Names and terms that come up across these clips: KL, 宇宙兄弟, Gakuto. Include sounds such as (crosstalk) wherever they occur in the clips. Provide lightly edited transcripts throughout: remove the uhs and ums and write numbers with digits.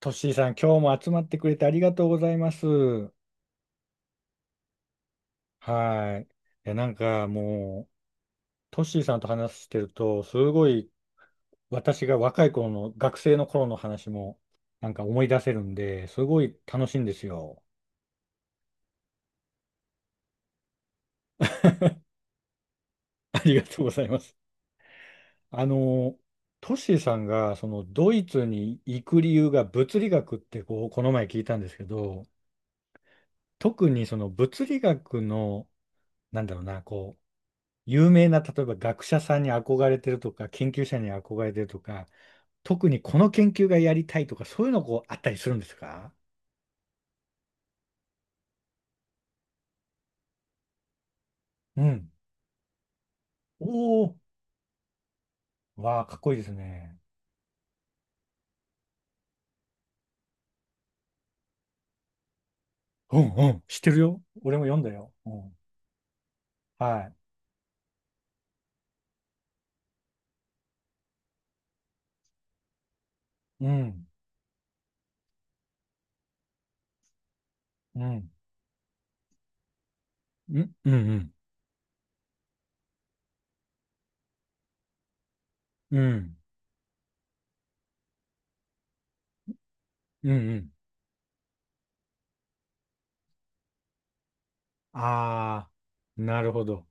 トッシーさん、今日も集まってくれてありがとうございます。はい。いや、なんかもう、トッシーさんと話してると、すごい私が若い頃の、学生の頃の話も、なんか思い出せるんで、すごい楽しいんですよ。(laughs) ありがとうございます。あの、トッシーさんが、その、ドイツに行く理由が物理学って、こう、この前聞いたんですけど、特にその物理学の、なんだろうな、こう、有名な、例えば学者さんに憧れてるとか、研究者に憧れてるとか、特にこの研究がやりたいとか、そういうのこうあったりするんですか？うん。おお、わあ、かっこいいですね。うんうん、知ってるよ。俺も読んだよ。うん、はい。うん、うん、うん、うん、うん、うん、うん。うんああ、なるほど。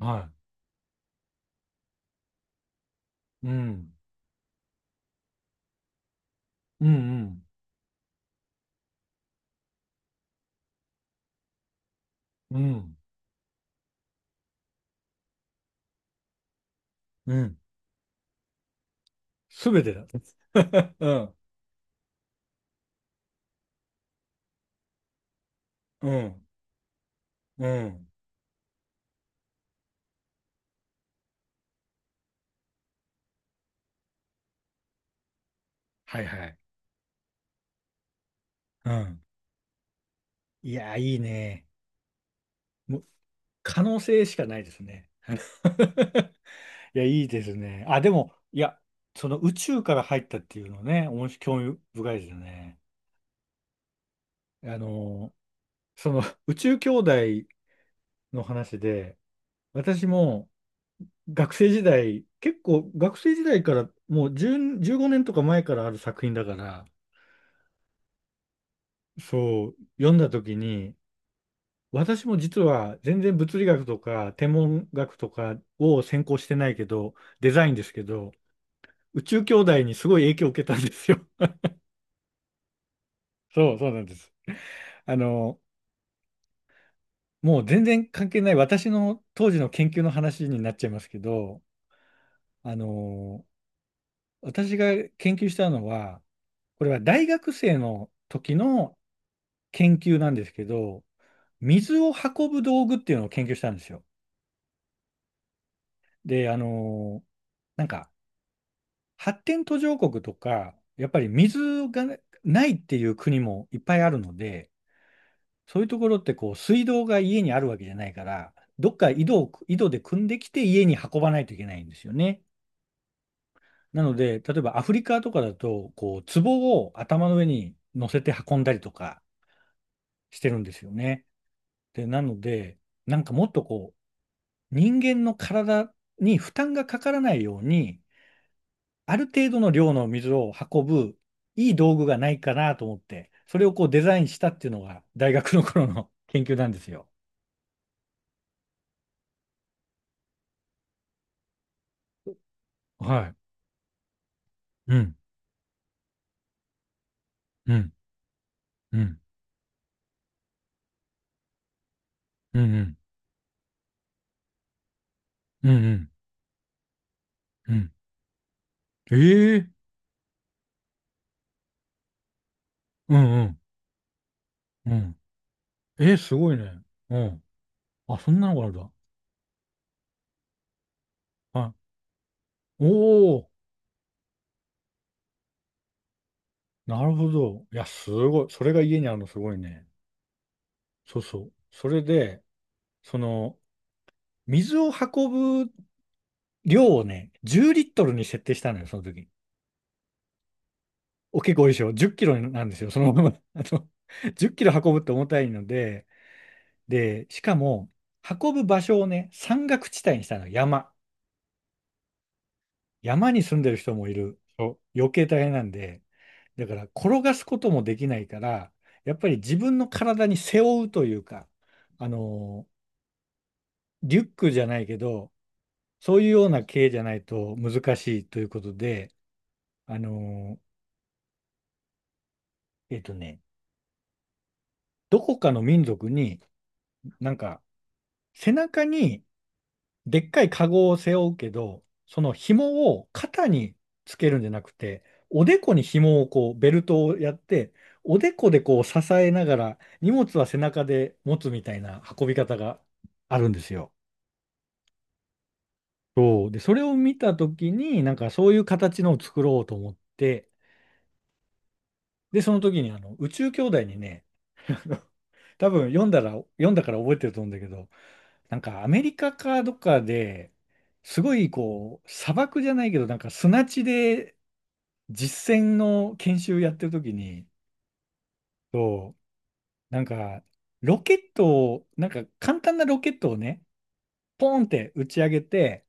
はい。うん、うん、うん、うん、うん。すべてだ。(laughs) うん、うん、うん。はいはい。うん。いや、いいね。もう可能性しかないですね。(laughs) いや、いいですね。あ、でも、いや、その宇宙から入ったっていうのね、面白興味深いですよね。あの、その宇宙兄弟の話で、私も学生時代、結構学生時代からもう10、15年とか前からある作品だから、そう、読んだ時に、私も実は全然物理学とか天文学とかを専攻してないけど、デザインですけど、宇宙兄弟にすごい影響を受けたんですよ。(laughs) そう、そうなんです。あの、もう全然関係ない私の当時の研究の話になっちゃいますけど、あの、私が研究したのは、これは大学生の時の研究なんですけど、水を運ぶ道具っていうのを研究したんですよ。で、あの、なんか発展途上国とか、やっぱり水がねないっていう国もいっぱいあるので、そういうところってこう水道が家にあるわけじゃないから、どっか井戸で汲んできて家に運ばないといけないんですよね。なので、例えばアフリカとかだと、こう壺を頭の上に乗せて運んだりとかしてるんですよね。で、なので、なんかもっとこう人間の体に負担がかからないように、ある程度の量の水を運ぶいい道具がないかなと思って、それをこうデザインしたっていうのが大学の頃の (laughs) 研究なんですよ。はい。うん、うん、うん、うん、うん、うん、うん。ええうん、うん、うん。えー、すごいね。うん。あ、そんなのがあるんだ。はい。おー、なるほど。いや、すごい。それが家にあるのすごいね。そうそう。それで、その、水を運ぶ量をね、10リットルに設定したのよ、その時。お結構多いでしょ。10キロなんですよ、そのまま。(laughs) あの、10キロ運ぶって重たいので、で、しかも、運ぶ場所をね、山岳地帯にしたの、山。山に住んでる人もいる。そう余計大変なんで、だから転がすこともできないから、やっぱり自分の体に背負うというか、あの、リュックじゃないけど、そういうような系じゃないと難しいということで、あの、えっとね、どこかの民族に、なんか、背中に、でっかいカゴを背負うけど、その紐を肩につけるんじゃなくて、おでこに紐をこう、ベルトをやって、おでこでこう支えながら、荷物は背中で持つみたいな運び方があるんですよ。そう。で、それを見たときに、なんかそういう形のを作ろうと思って、で、その時にあの、宇宙兄弟にね、多分読んだから覚えてると思うんだけど、なんかアメリカかどっかで、すごいこう、砂漠じゃないけど、なんか砂地で実践の研修やってる時に、そう、なんか、ロケットを、なんか簡単なロケットをね、ポーンって打ち上げて、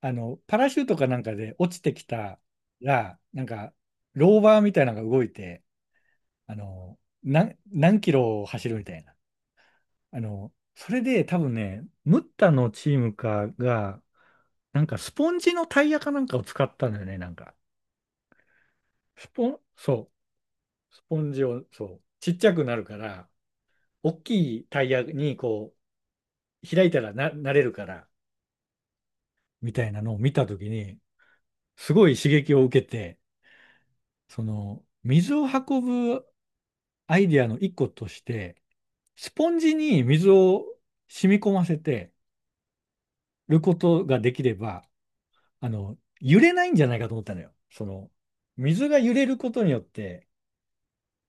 あの、パラシュートかなんかで落ちてきたら、なんか、ローバーみたいなのが動いて、あの、何キロを走るみたいな。あの、それで多分ね、ムッタのチームかが、なんかスポンジのタイヤかなんかを使ったんだよね、なんか。スポン、そう、スポンジを、そう、ちっちゃくなるから、大きいタイヤにこう、開いたらなれるから、みたいなのを見たときに、すごい刺激を受けて、その、水を運ぶアイデアの一個として、スポンジに水を染み込ませてることができれば、あの、揺れないんじゃないかと思ったのよ。その、水が揺れることによって、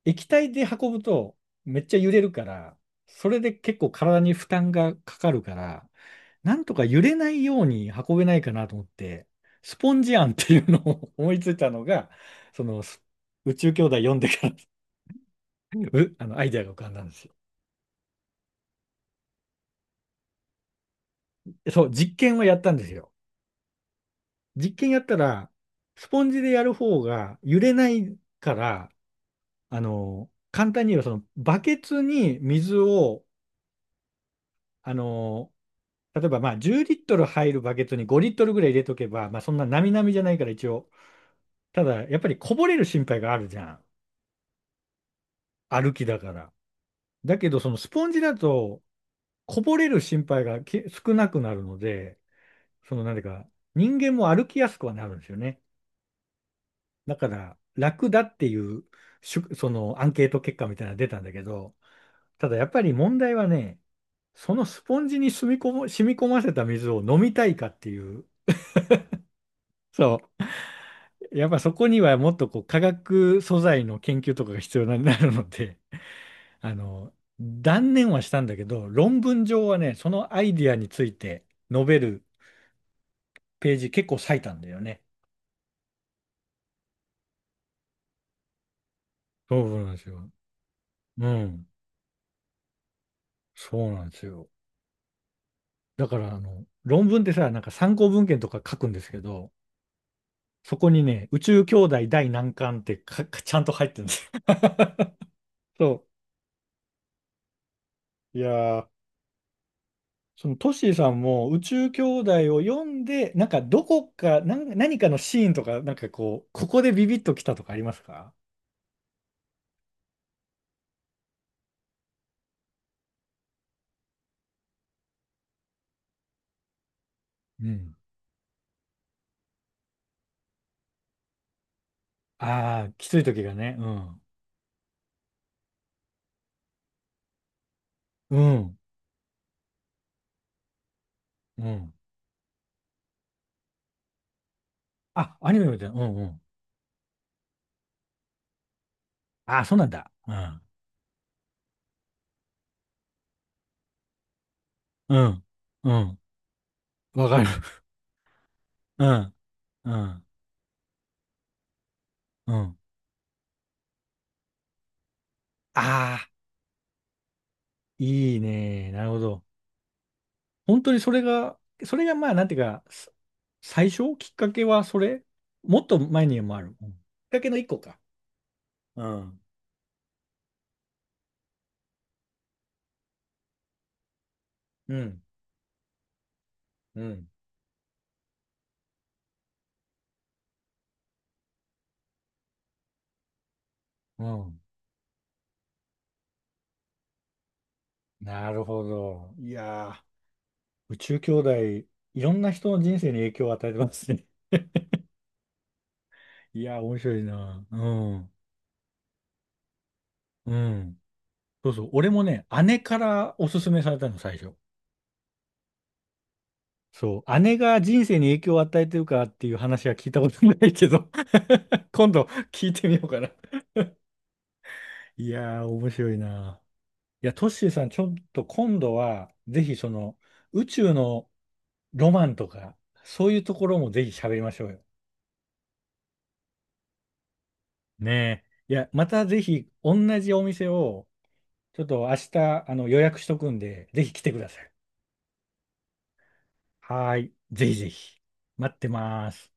液体で運ぶとめっちゃ揺れるから、それで結構体に負担がかかるから、なんとか揺れないように運べないかなと思って、スポンジ案っていうのを (laughs) 思いついたのが、その宇宙兄弟読んでから (laughs) あのアイデアが浮かんだんですよ。そう、実験をやったんですよ。実験やったら、スポンジでやる方が揺れないから、あの、簡単に言えばそのバケツに水を、あの、例えばまあ10リットル入るバケツに5リットルぐらい入れとけば、まあそんな並々じゃないから一応。ただやっぱりこぼれる心配があるじゃん。歩きだから。だけどそのスポンジだとこぼれる心配が少なくなるので、その何ていうか人間も歩きやすくはなるんですよね。だから楽だっていうそのアンケート結果みたいなのが出たんだけど、ただやっぱり問題はね、そのスポンジに染み込ませた水を飲みたいかっていう。そう。やっぱそこにはもっとこう化学素材の研究とかが必要になるので、(laughs) あの、断念はしたんだけど、論文上はね、そのアイディアについて述べるページ結構割いたんだよね。そうなんですよ。うん。そうなんですよ。だから、あの、論文ってさ、なんか参考文献とか書くんですけど、そこにね、宇宙兄弟第何巻ってか、かちゃんと入ってるんですよ。(laughs) そう。いやー、そのトシーさんも宇宙兄弟を読んで、なんかどこか、なんか何かのシーンとか、なんかこう、ここでビビッときたとかありますか？うん。ああー、きつい時がね。うん。うん。うん。あ、アニメみたいな。うんうん。ああ、そうなんだ。うん。うん。うん。わかる。うん。うん。うん。ああ、いいね。なるほど。本当にそれが、それがまあ、なんていうか、最初きっかけはそれもっと前にもある。うんきっかけの一個か。うん。うん、うん。うん。なるほど。いやー、宇宙兄弟、いろんな人の人生に影響を与えてますね。(laughs) いやー、面白いな。うん。うん。そうそう。俺もね、姉からおすすめされたの、最初。そう。姉が人生に影響を与えてるかっていう話は聞いたことないけど、 (laughs) 今度聞いてみようかな。いやー、面白いな。いや、トッシーさん、ちょっと今度は、ぜひその、宇宙のロマンとか、そういうところもぜひ喋りましょうよ。ねえ。いや、またぜひ、同じお店を、ちょっと明日、あの、予約しとくんで、ぜひ来てください。はーい。ぜひぜひ。待ってます。